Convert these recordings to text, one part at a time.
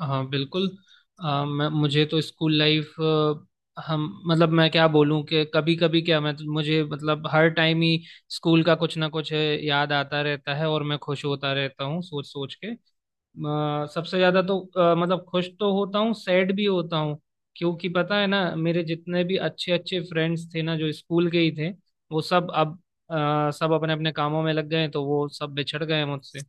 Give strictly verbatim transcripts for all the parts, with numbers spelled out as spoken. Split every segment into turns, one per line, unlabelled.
हाँ, बिल्कुल। आ, मैं मुझे तो स्कूल लाइफ, हम मतलब मैं क्या बोलूँ कि कभी कभी क्या, मैं मुझे मतलब हर टाइम ही स्कूल का कुछ ना कुछ याद आता रहता है और मैं खुश होता रहता हूँ सोच सोच के। अ, सबसे ज़्यादा तो अ, मतलब खुश तो होता हूँ, सैड भी होता हूँ क्योंकि पता है ना मेरे जितने भी अच्छे अच्छे फ्रेंड्स थे ना जो स्कूल के ही थे, वो सब अब, अ, सब अपने अपने कामों में लग गए हैं, तो वो सब बिछड़ गए हैं मुझसे।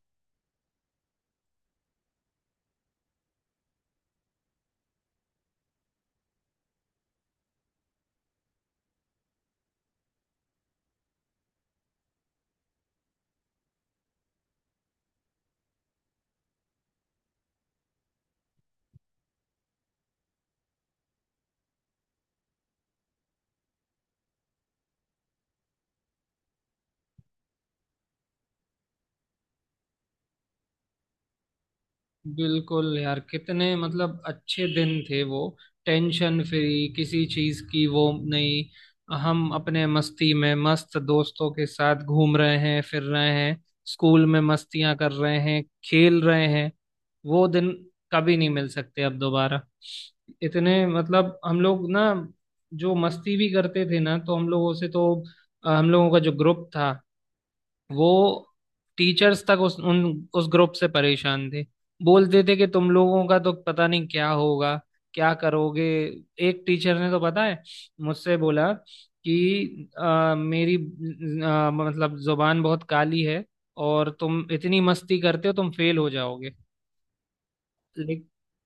बिल्कुल यार, कितने मतलब अच्छे दिन थे वो। टेंशन फ्री किसी चीज की वो नहीं, हम अपने मस्ती में मस्त दोस्तों के साथ घूम रहे हैं, फिर रहे हैं, स्कूल में मस्तियां कर रहे हैं, खेल रहे हैं। वो दिन कभी नहीं मिल सकते अब दोबारा। इतने मतलब हम लोग ना जो मस्ती भी करते थे ना, तो हम लोगों से तो, अ, हम लोगों का जो ग्रुप था वो, टीचर्स तक उस उन उस ग्रुप से परेशान थे। बोलते थे कि तुम लोगों का तो पता नहीं क्या होगा, क्या करोगे। एक टीचर ने तो पता है मुझसे बोला कि अ, मेरी अ, मतलब जुबान बहुत काली है और तुम इतनी मस्ती करते हो, तुम फेल हो जाओगे। ले,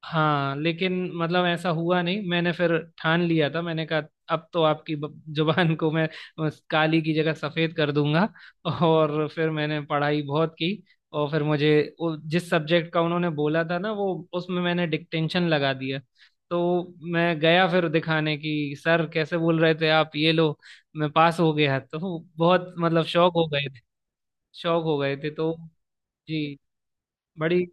हाँ, लेकिन मतलब ऐसा हुआ नहीं। मैंने फिर ठान लिया था, मैंने कहा अब तो आपकी ब- जुबान को मैं उस काली की जगह सफेद कर दूंगा। और फिर मैंने पढ़ाई बहुत की, और फिर मुझे उ- जिस सब्जेक्ट का उन्होंने बोला था ना वो उसमें मैंने डिक्टेंशन लगा दिया। तो मैं गया फिर दिखाने की सर कैसे बोल रहे थे, आप ये लो, मैं पास हो गया। तो बहुत मतलब शौक हो गए थे। शौक हो गए थे तो। जी। बड़ी।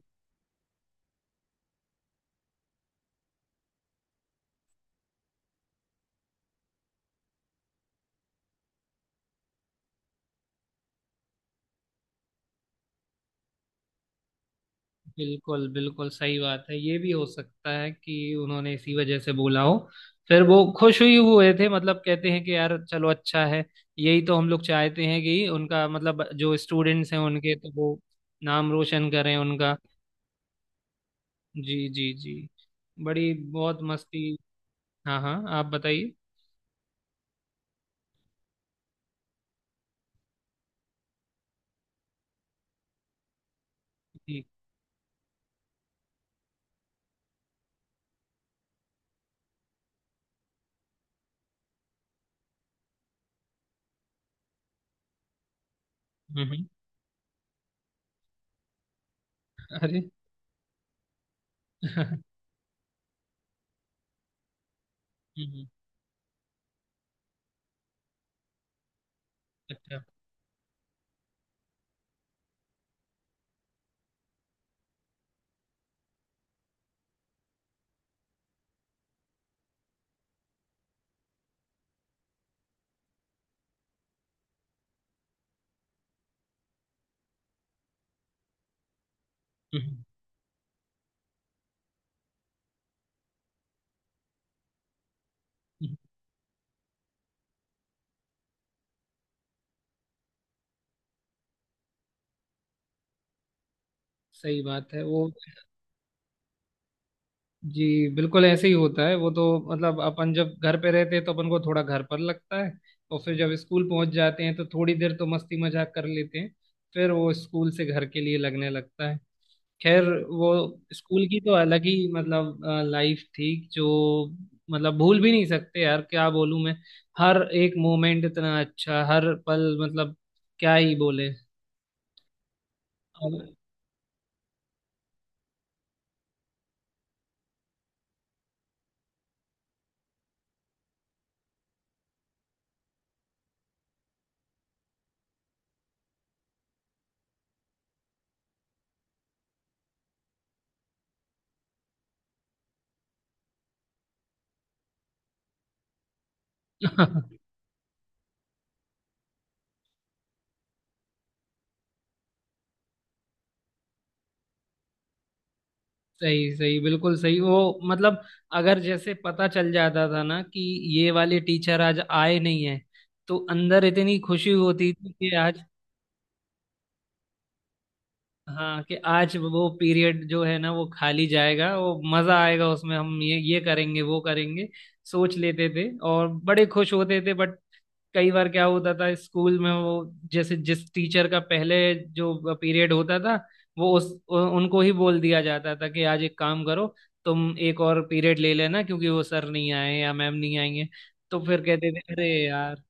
बिल्कुल, बिल्कुल सही बात है, ये भी हो सकता है कि उन्होंने इसी वजह से बोला हो। फिर वो खुश हुई हुए थे, मतलब कहते हैं कि यार चलो अच्छा है, यही तो हम लोग चाहते हैं कि उनका मतलब जो स्टूडेंट्स हैं उनके तो वो नाम रोशन करें उनका। जी जी जी। बड़ी बहुत मस्ती। हाँ हाँ, आप बताइए। जी। हम्म, हम्म। अरे। हम्म। अच्छा, हम्म। हम्म। हम्म। सही बात है वो। जी बिल्कुल ऐसे ही होता है वो तो। मतलब अपन जब घर पे रहते हैं तो अपन को थोड़ा घर पर लगता है, और फिर जब स्कूल पहुंच जाते हैं तो थोड़ी देर तो मस्ती मजाक कर लेते हैं, फिर वो स्कूल से घर के लिए लगने लगता है। खैर, वो स्कूल की तो अलग ही मतलब लाइफ थी जो, मतलब भूल भी नहीं सकते यार, क्या बोलूं मैं। हर एक मोमेंट इतना अच्छा, हर पल मतलब, क्या ही बोले। अब। सही सही, बिल्कुल सही वो, मतलब अगर जैसे पता चल जाता था ना कि ये वाले टीचर आज आए नहीं है, तो अंदर इतनी खुशी होती थी कि आज। हाँ, कि आज वो पीरियड जो है ना वो खाली जाएगा, वो मजा आएगा, उसमें हम ये ये करेंगे वो करेंगे, सोच लेते थे और बड़े खुश होते थे। बट कई बार क्या होता था स्कूल में वो, जैसे जिस टीचर का पहले जो पीरियड होता था वो उस उ- उनको ही बोल दिया जाता था कि आज एक काम करो, तुम एक और पीरियड ले लेना क्योंकि वो सर नहीं आए या मैम नहीं आएंगे। तो फिर कहते थे अरे यार।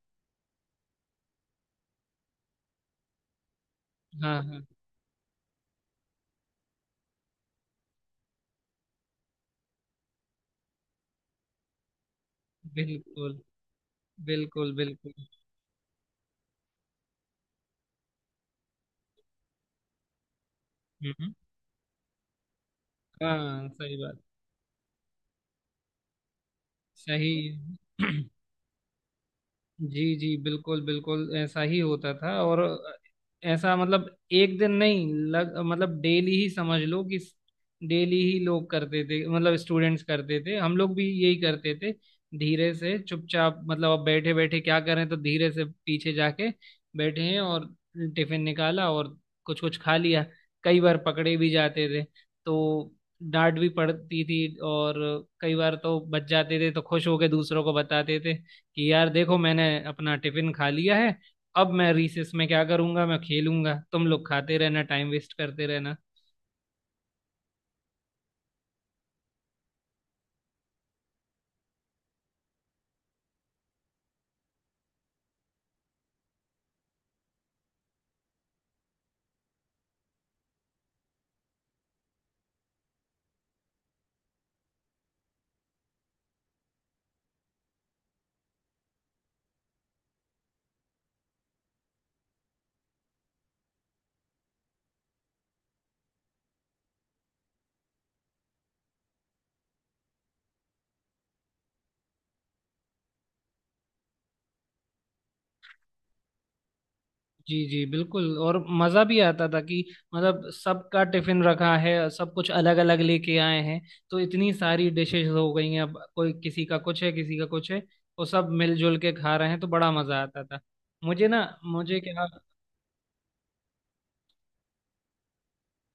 हाँ हाँ। बिल्कुल, बिल्कुल, बिल्कुल। हम्म। हाँ सही बात, सही। जी जी, बिल्कुल बिल्कुल ऐसा ही होता था। और ऐसा मतलब एक दिन नहीं लग, मतलब डेली ही समझ लो, कि डेली ही लोग करते थे, मतलब स्टूडेंट्स करते थे, हम लोग भी यही करते थे। धीरे से चुपचाप मतलब अब बैठे बैठे क्या करें, तो धीरे से पीछे जाके बैठे हैं और टिफिन निकाला और कुछ कुछ खा लिया। कई बार पकड़े भी जाते थे तो डांट भी पड़ती थी, और कई बार तो बच जाते थे तो खुश होके दूसरों को बताते थे कि यार देखो मैंने अपना टिफिन खा लिया है, अब मैं रिसेस में क्या करूंगा, मैं खेलूंगा, तुम लोग खाते रहना, टाइम वेस्ट करते रहना। जी जी बिल्कुल। और मज़ा भी आता था कि मतलब सबका टिफिन रखा है, सब कुछ अलग अलग लेके आए हैं तो इतनी सारी डिशेज हो गई हैं, अब कोई किसी का कुछ है, किसी का कुछ है, वो सब मिलजुल के खा रहे हैं, तो बड़ा मज़ा आता था। मुझे ना, मुझे क्या।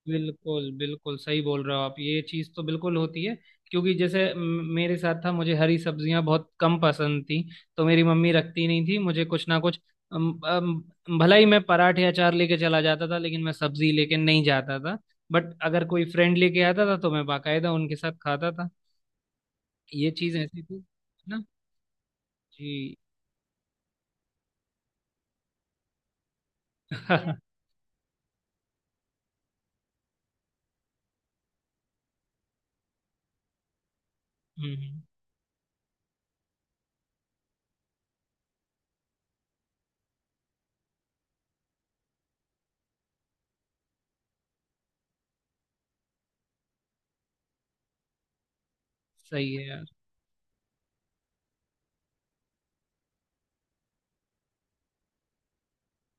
बिल्कुल, बिल्कुल सही बोल रहे हो आप, ये चीज़ तो बिल्कुल होती है। क्योंकि जैसे म- मेरे साथ था, मुझे हरी सब्जियां बहुत कम पसंद थी, तो मेरी मम्मी रखती नहीं थी मुझे कुछ ना कुछ, अम, अम, भला ही मैं पराठे अचार लेके चला जाता था, लेकिन मैं सब्जी लेके नहीं जाता था। बट अगर कोई फ्रेंड लेके आता था तो मैं बाकायदा उनके साथ खाता था। ये चीज़ ऐसी थी। ना। जी। हम्म। सही है यार।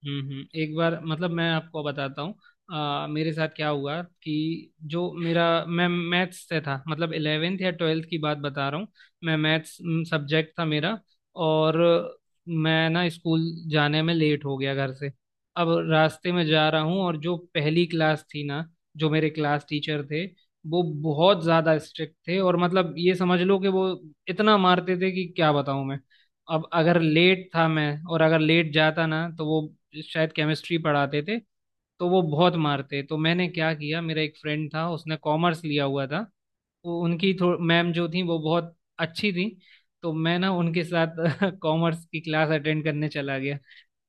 हम्म हम्म, एक बार मतलब मैं आपको बताता हूँ अ, मेरे साथ क्या हुआ। कि जो मेरा मैं मैथ्स से था, मतलब इलेवेंथ या ट्वेल्थ की बात बता रहा हूँ। मैं मैथ्स सब्जेक्ट था मेरा, और मैं ना स्कूल जाने में लेट हो गया घर से। अब रास्ते में जा रहा हूँ और जो पहली क्लास थी ना, जो मेरे क्लास टीचर थे वो बहुत ज़्यादा स्ट्रिक्ट थे, और मतलब ये समझ लो कि वो इतना मारते थे कि क्या बताऊँ मैं। अब अगर लेट था मैं, और अगर लेट जाता ना तो वो, शायद केमिस्ट्री पढ़ाते थे तो वो बहुत मारते। तो मैंने क्या किया, मेरा एक फ्रेंड था उसने कॉमर्स लिया हुआ था, वो उनकी थो मैम जो थी वो बहुत अच्छी थी। तो मैं ना उनके साथ कॉमर्स की क्लास अटेंड करने चला गया।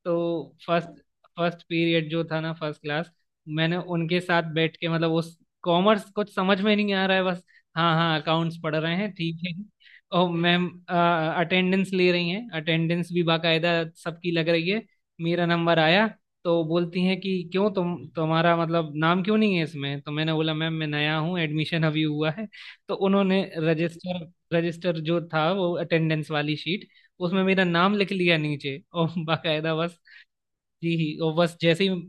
तो फर्स्ट फर्स्ट पीरियड जो था ना, फर्स्ट क्लास मैंने उनके साथ बैठ के मतलब उस, कॉमर्स कुछ समझ में नहीं आ रहा है बस, हाँ हाँ अकाउंट्स पढ़ रहे हैं ठीक है, और मैम अटेंडेंस ले रही हैं, अटेंडेंस भी बाकायदा सबकी लग रही है। मेरा नंबर आया तो बोलती हैं कि क्यों तुम तुम्हारा मतलब नाम क्यों नहीं है इसमें, तो मैंने बोला मैम मैं नया हूँ, एडमिशन अभी हुआ है। तो उन्होंने रजिस्टर, रजिस्टर जो था वो अटेंडेंस वाली शीट, उसमें मेरा नाम लिख लिया नीचे और बाकायदा बस। जी ही, और बस जैसे ही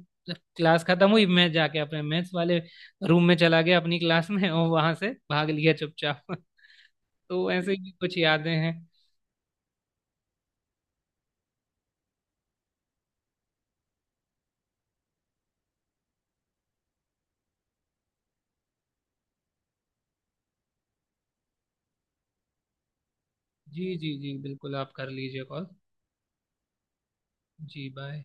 क्लास खत्म हुई मैं जाके अपने मैथ्स वाले रूम में चला गया, अपनी क्लास में, और वहां से भाग लिया चुपचाप तो ऐसे ही कुछ यादें हैं। जी जी जी बिल्कुल, आप कर लीजिए कॉल। जी, बाय।